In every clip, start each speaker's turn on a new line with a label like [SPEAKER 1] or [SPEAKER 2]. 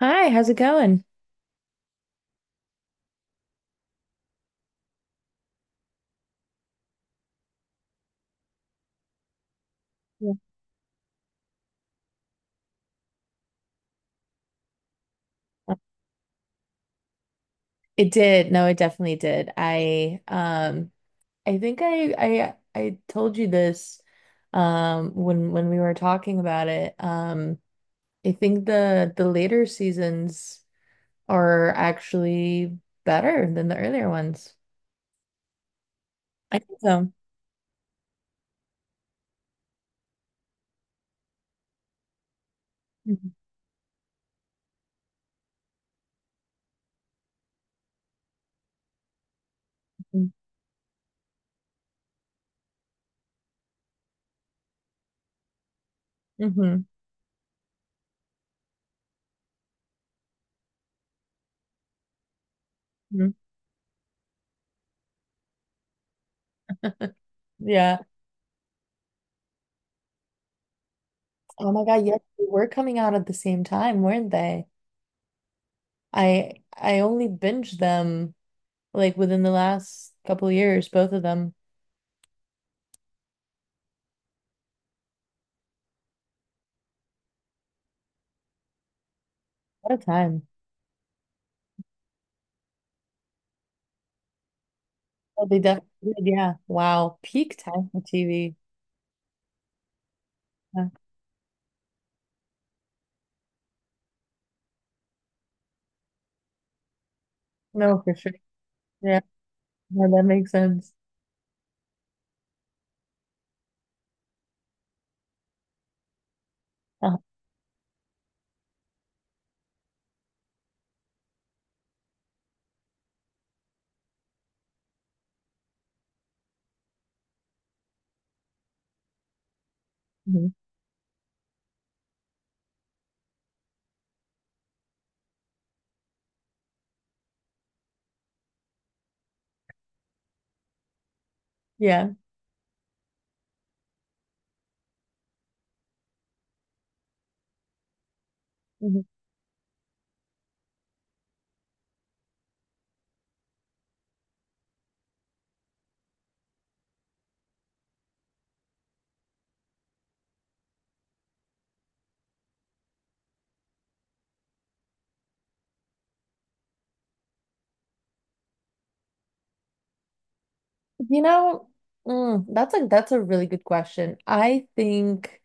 [SPEAKER 1] Hi, how's it going? Yeah. It did. No, it definitely did. I I think I told you this when we were talking about it. I think the later seasons are actually better than the earlier ones. I think so. hmm hmm Yeah. Oh my God, yes, they were coming out at the same time, weren't they? I only binged them like within the last couple years, both of them. What a time. Oh, they definitely did. Yeah. Wow. Peak time for TV. Yeah. No, for sure. Yeah. No, that makes sense. Uh, mhm. Yeah. Mhm. You know, mm, that's a really good question. I think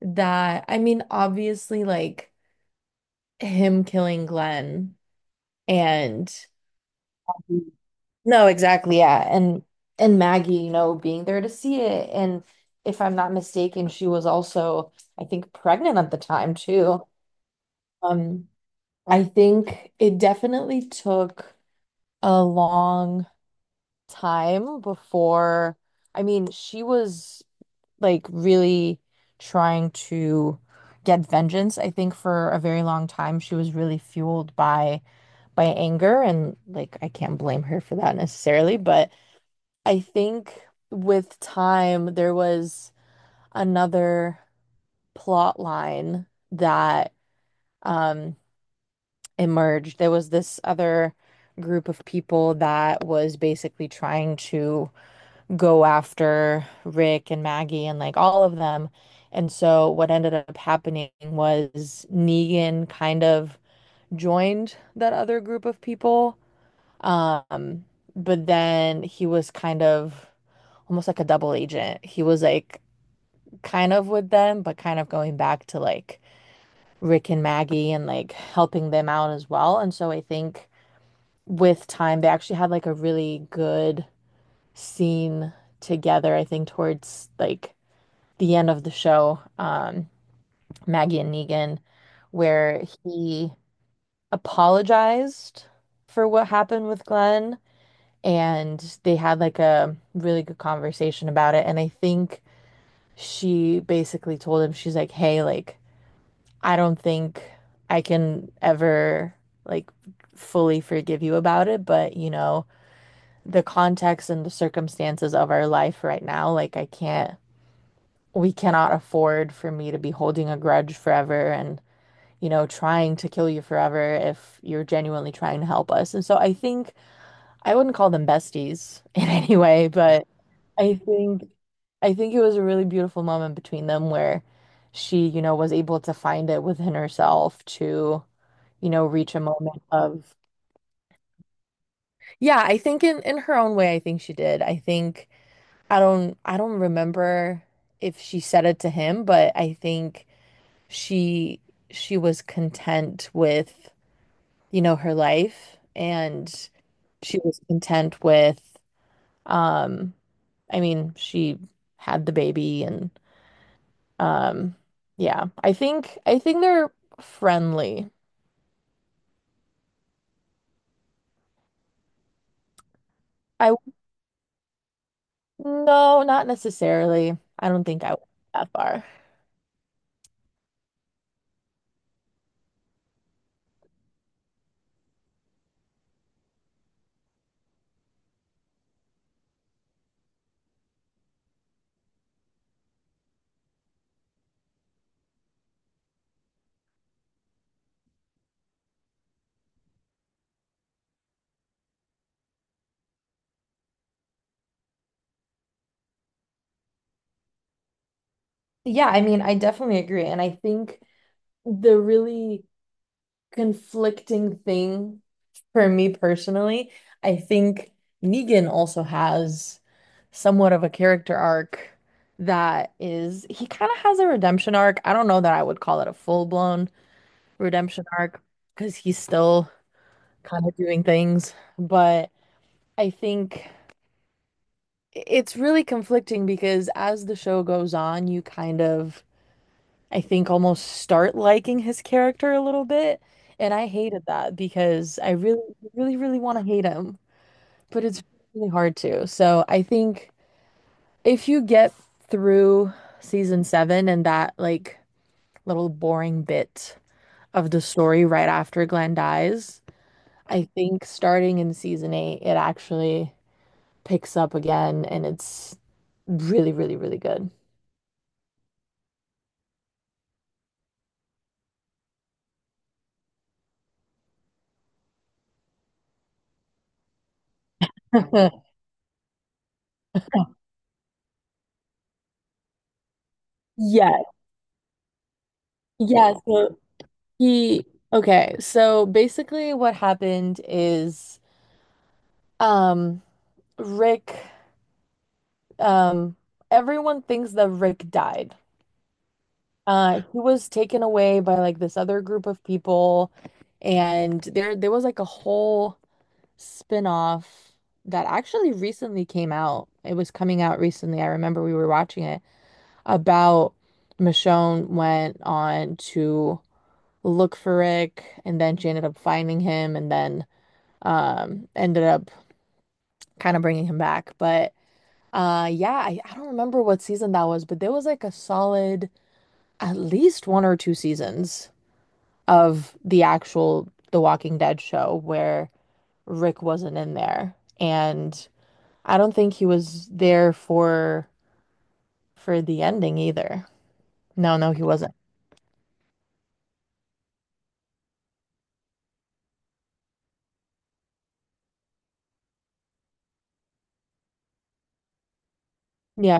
[SPEAKER 1] that I mean, obviously, like him killing Glenn and mm-hmm, no, exactly, yeah, and Maggie, you know, being there to see it, and if I'm not mistaken, she was also, I think, pregnant at the time too. Um, I think it definitely took a long time before. I mean, she was like really trying to get vengeance. I think for a very long time, she was really fueled by anger, and like I can't blame her for that necessarily, but I think with time there was another plot line that um emerged. There was this other group of people that was basically trying to go after Rick and Maggie and like all of them. And so what ended up happening was Negan kind of joined that other group of people. Um, but then he was kind of almost like a double agent. He was like kind of with them, but kind of going back to like Rick and Maggie and like helping them out as well. And so I think with time, they actually had like a really good scene together, I think, towards like the end of the show, Maggie and Negan, where he apologized for what happened with Glenn and they had like a really good conversation about it. And I think she basically told him, she's like, hey, like, I don't think I can ever like fully forgive you about it, but you know the context and the circumstances of our life right now, like I can't, we cannot afford for me to be holding a grudge forever and, you know, trying to kill you forever if you're genuinely trying to help us. And so I think I wouldn't call them besties in any way, but I think I think it was a really beautiful moment between them where she, you know, was able to find it within herself to, you know, reach a moment of, yeah, I think in her own way, I think she did. I think I don't remember if she said it to him, but I think she she was content with, you know, her life and she was content with um I mean, she had the baby and um yeah, I think they're friendly. I No, not necessarily. I don't think I went that far. Yeah, I mean, I definitely agree. And I think the really conflicting thing for me personally. I think Negan also has somewhat of a character arc that is, he kind of has a redemption arc. I don't know that I would call it a full-blown redemption arc because he's still kind of doing things, but I think it's really conflicting because as the show goes on, you kind of I think almost start liking his character a little bit. And I hated that because I really, really, really want to hate him, but it's really hard to. So I think if you get through season seven and that like little boring bit of the story right after Glenn dies, I think starting in season eight, it actually picks up again and it's really, really, really good. Yeah. Yeah. So He okay, so basically what happened is um Rick um everyone thinks that Rick died. Uh, he was taken away by like this other group of people and there was like a whole spin-off that actually recently came out. It was coming out recently. I remember we were watching it about Michonne went on to look for Rick and then she ended up finding him and then ended up kind of bringing him back. But yeah, I don't remember what season that was, but there was like a solid at least one or two seasons of the actual The Walking Dead show where Rick wasn't in there and I don't think he was there for the ending either. No, no, he wasn't. yeah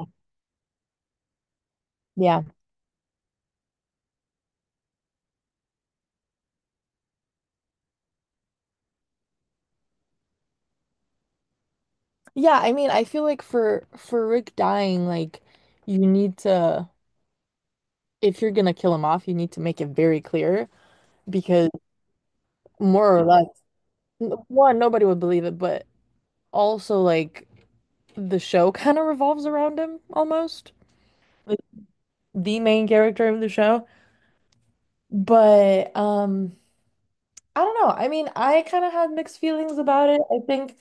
[SPEAKER 1] yeah yeah I mean, I feel like for Rick dying, like you need to if you're gonna kill him off, you need to make it very clear because more or less. One, nobody would believe it, but also like the show kind of revolves around him almost. Like the main character of the show. But I don't know. I mean, I kind of had mixed feelings about it. I think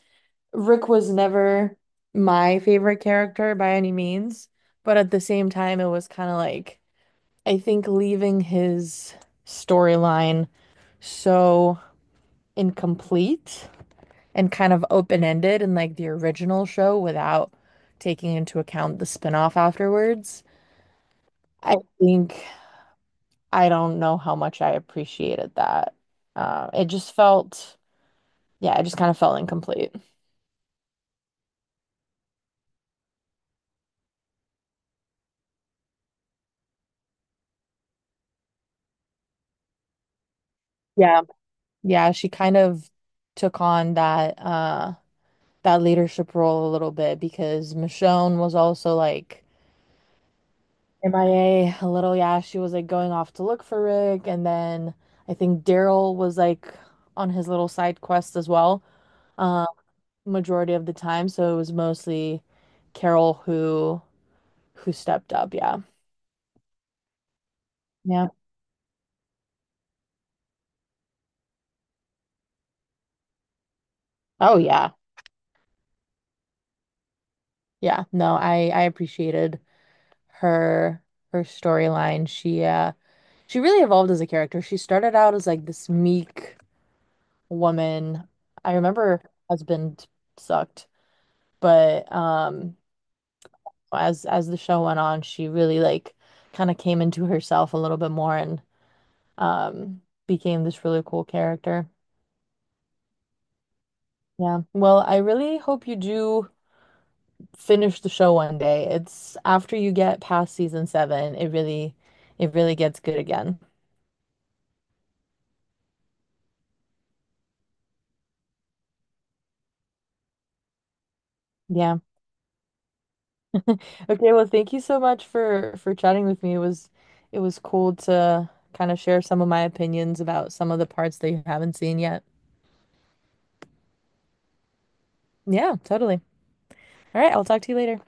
[SPEAKER 1] Rick was never my favorite character by any means, but at the same time it was kind of like I think leaving his storyline so incomplete and kind of open-ended in like the original show without taking into account the spinoff afterwards. I think I don't know how much I appreciated that. It just felt, yeah, it just kind of felt incomplete. Yeah. Yeah, she kind of took on that that leadership role a little bit because Michonne was also like MIA a little, yeah, she was like going off to look for Rick and then I think Daryl was like on his little side quest as well. uh, Majority of the time. So it was mostly Carol who stepped up. Yeah. Yeah. Oh yeah. Yeah. No, I appreciated her storyline. She really evolved as a character. She started out as like this meek woman. I remember her husband sucked, but as the show went on, she really like kind of came into herself a little bit more and um became this really cool character. Yeah. Well, I really hope you do finish the show one day. It's after you get past season seven, it really gets good again. Yeah. Okay, well, thank you so much for chatting with me. It was cool to kind of share some of my opinions about some of the parts that you haven't seen yet. Yeah, totally. All right, I'll talk to you later.